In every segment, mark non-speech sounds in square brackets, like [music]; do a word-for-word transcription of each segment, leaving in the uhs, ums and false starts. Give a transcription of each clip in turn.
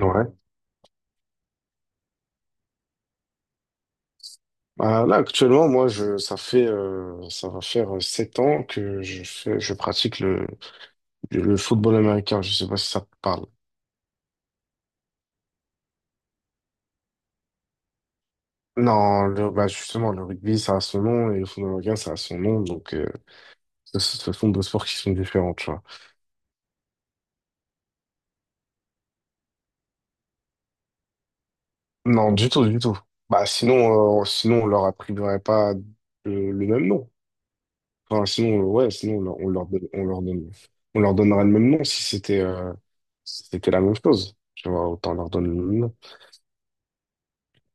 Ouais. Euh, là, actuellement, moi, je, ça fait, euh, ça va faire euh, sept ans que je fais, je pratique le, le football américain. Je sais pas si ça te parle. Non, le, bah, justement, le rugby, ça a son nom et le football américain, ça a son nom. Donc, euh, ce ce sont deux sports qui sont différents, tu vois. Non, du tout, du tout. Bah, sinon, euh, sinon, on leur attribuerait pas le, le même nom. Enfin, sinon, euh, ouais, sinon, on leur, on leur donne, on leur donne, on leur donnerait le même nom si c'était, euh, si c'était la même chose. Tu vois, autant leur donner le même nom.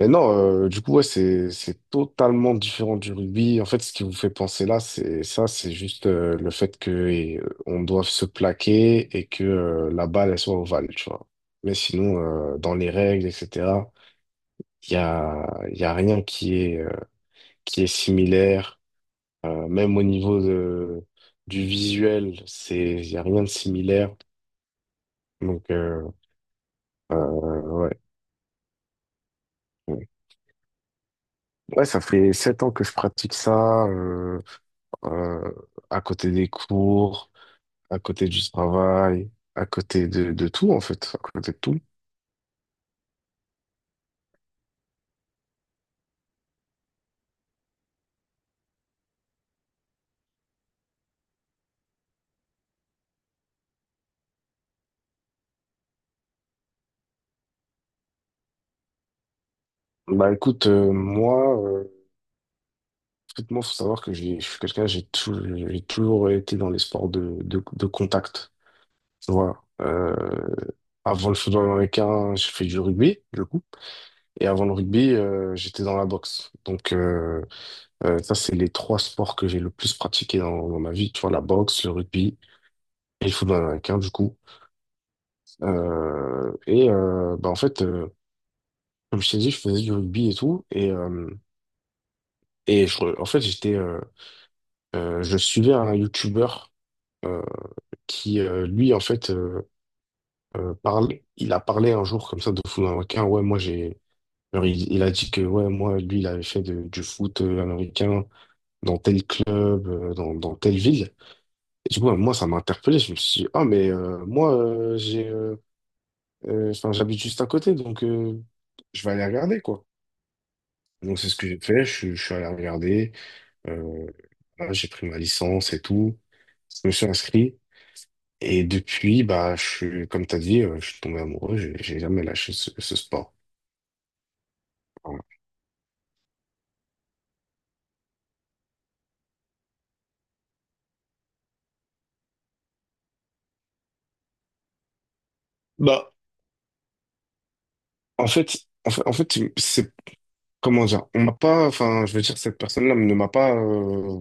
Mais non, euh, du coup, ouais, c'est, c'est totalement différent du rugby. En fait, ce qui vous fait penser là, c'est ça, c'est juste euh, le fait que euh, on doive se plaquer et que euh, la balle, elle soit ovale, tu vois. Mais sinon, euh, dans les règles, et cetera, il y a, il y a rien qui est, euh, qui est similaire. Euh, même au niveau de, du visuel, c'est, il y a rien de similaire. Donc, euh, euh, ouais. Ouais, ouais, ça fait sept ans que je pratique ça. euh, euh, à côté des cours, à côté du travail, à côté de, de tout, en fait, à côté de tout. Bah écoute, euh, moi, euh, il faut savoir que j'ai- je suis quelqu'un, j'ai tou- j'ai toujours été dans les sports de, de, de contact. Voilà. Euh, avant le football américain, j'ai fait du rugby, du coup. Et avant le rugby, euh, j'étais dans la boxe. Donc, euh, euh, ça, c'est les trois sports que j'ai le plus pratiqué dans, dans ma vie. Tu vois, la boxe, le rugby et le football américain, du coup. Euh, et euh, bah, en fait, euh, comme je t'ai dit, je faisais du rugby et tout. Et, euh, et je en fait, j'étais, euh, euh, je suivais un YouTuber euh, qui, euh, lui, en fait, euh, euh, parle, il a parlé un jour comme ça de football américain. Ouais, moi, j'ai alors, il, il a dit que ouais, moi, lui, il avait fait de- du foot euh, américain dans tel club, euh, dans, dans telle ville. Et du coup, moi, ça m'a interpellé. Je me suis dit, ah, mais euh, moi, euh, j'ai, euh, euh, enfin, j'habite juste à côté, donc euh, je vais aller regarder, quoi. Donc, c'est ce que j'ai fait. Je, suis je suis allé regarder. Euh, voilà, j'ai pris ma licence et tout. Je me suis inscrit. Et depuis, bah, je suis, comme tu as dit, euh, je suis tombé amoureux. J'ai j'ai jamais lâché ce, ce sport. Voilà. Bah, en fait, en fait, en fait, c'est comment dire, on m'a pas, enfin, je veux dire, cette personne-là ne m'a pas euh,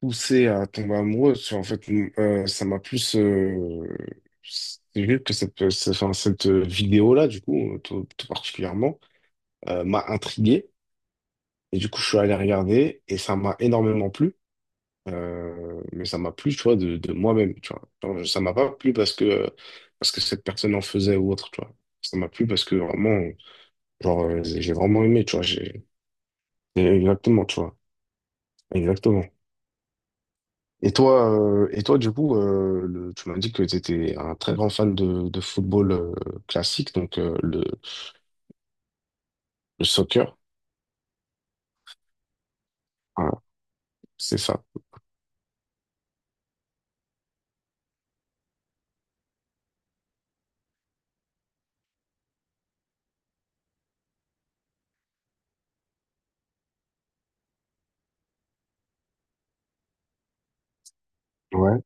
poussé à tomber amoureux. Tu vois, en fait, euh, ça m'a plus, euh, c'est juste que cette, euh, c'est- enfin, cette euh, vidéo-là, du coup, euh, tout, tout particulièrement, euh, m'a intrigué. Et du coup, je suis allé regarder et ça m'a énormément plu. Euh, mais ça m'a plu, tu vois, de, de moi-même, tu vois. Genre, ça m'a pas plu parce que, euh, parce que cette personne en faisait ou autre, tu vois. Ça m'a plu parce que vraiment, genre, euh, j'ai vraiment aimé, tu vois. J'ai, exactement, tu vois. Exactement. Et toi, euh, et toi, du coup, euh, le- tu m'as dit que tu étais un très grand fan de, de football euh, classique, donc euh, le, le soccer. Voilà, c'est ça. Ouais.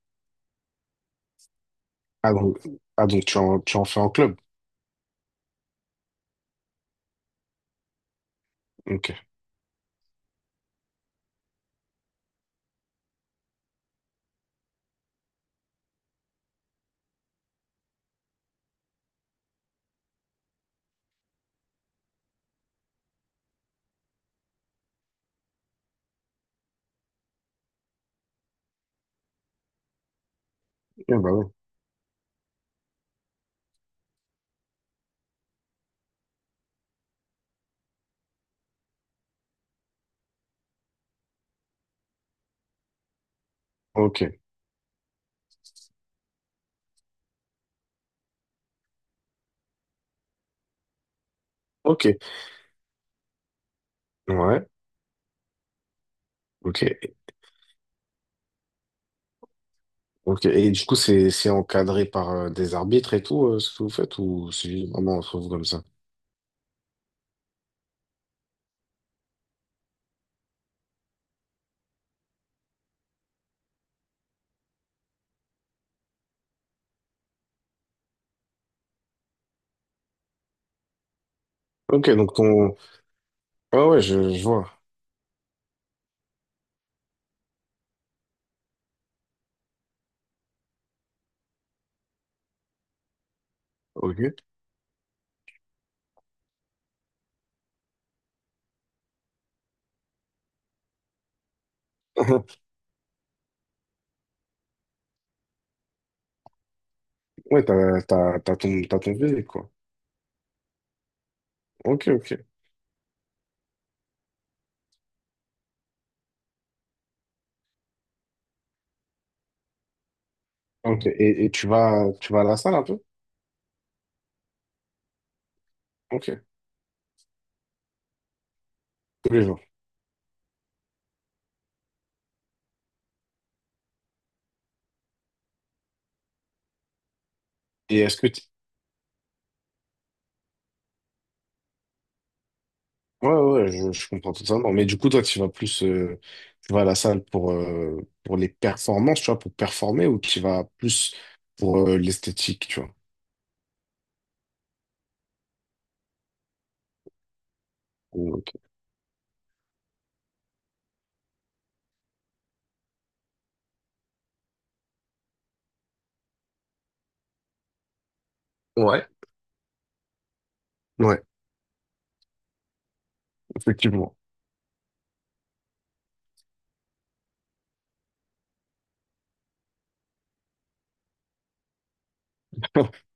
Ah donc, ah, donc tu en, tu en fais en club. Ok. Eh ben ouais. Ok. Ok. Ouais. Ok. Ok. Et du coup, c'est, c'est encadré par euh, des arbitres et tout, euh, ce que vous faites, ou c'est vraiment entre vous comme ça? Ok, donc ton. Ah ouais, je, je vois. Ok. [laughs] Ouais, t'as, t'as, t'as ton, t'as ton physique, quoi. Ok, ok. Ok. Et, et tu vas, tu vas à la salle un peu? Ok. Tous les jours. Et est-ce que tu... Ouais, ouais, ouais, je, je comprends tout ça. Non, mais du coup, toi, tu vas plus... euh, tu vas à la salle pour, euh, pour les performances, tu vois, pour performer, ou tu vas plus pour euh, l'esthétique, tu vois? Ok. Ouais. Ouais, effectivement. [laughs]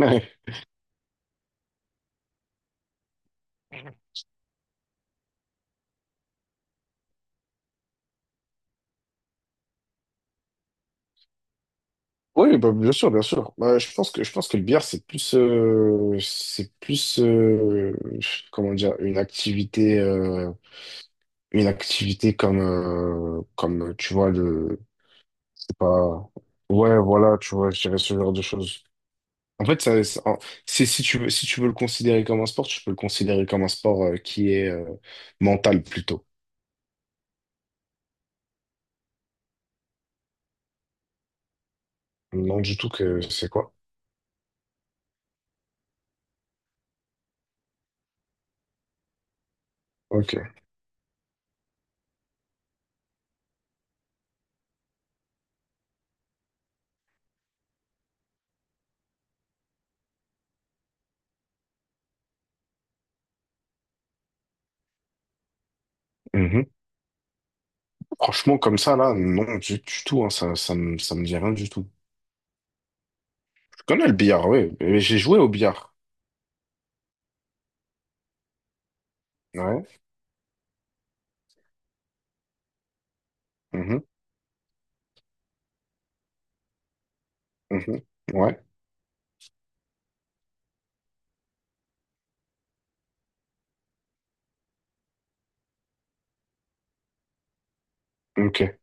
Ouais. Oui, bah, bien sûr, bien sûr. Bah, je pense que je pense que le billard c'est plus euh, c'est plus euh, comment dire, une activité euh, une activité comme euh, comme tu vois. C'est pas. Ouais, voilà, tu vois, je dirais ce genre de choses. En fait, ça, c'est, en- c'est- si tu veux, si tu veux le considérer comme un sport, tu peux le considérer comme un sport euh, qui est euh, mental plutôt. Non, du tout, que c'est quoi? Ok. Mhm. Franchement, comme ça, là, non, du, du tout, hein, ça, ça me, ça me dit rien du tout. Je connais le billard, oui, mais j'ai joué au billard. Ouais. Mhm. Mhm. Ouais. Ok.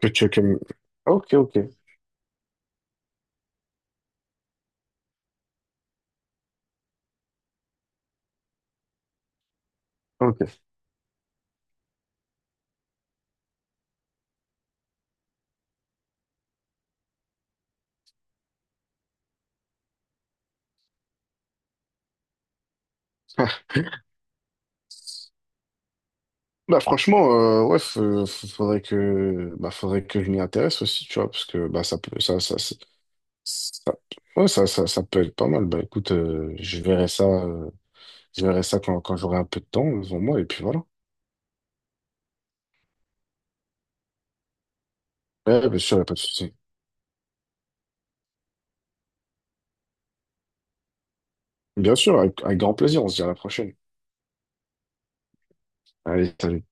Que tu, que... Ok, ok, ok. [laughs] Bah franchement, euh, ouais, f- f- faudrait que, bah, faudrait que je m'y intéresse aussi, tu vois, parce que bah ça peut, ça, ça, ça, ça- ouais, ça, ça, ça peut être pas mal. Bah écoute, euh, je verrai ça, euh, je verrai ça quand, quand j'aurai un peu de temps devant moi, et puis voilà. Ouais, bien sûr, y a pas de souci. Bien sûr, avec, avec grand plaisir, on se dit à la prochaine. Allez, salut.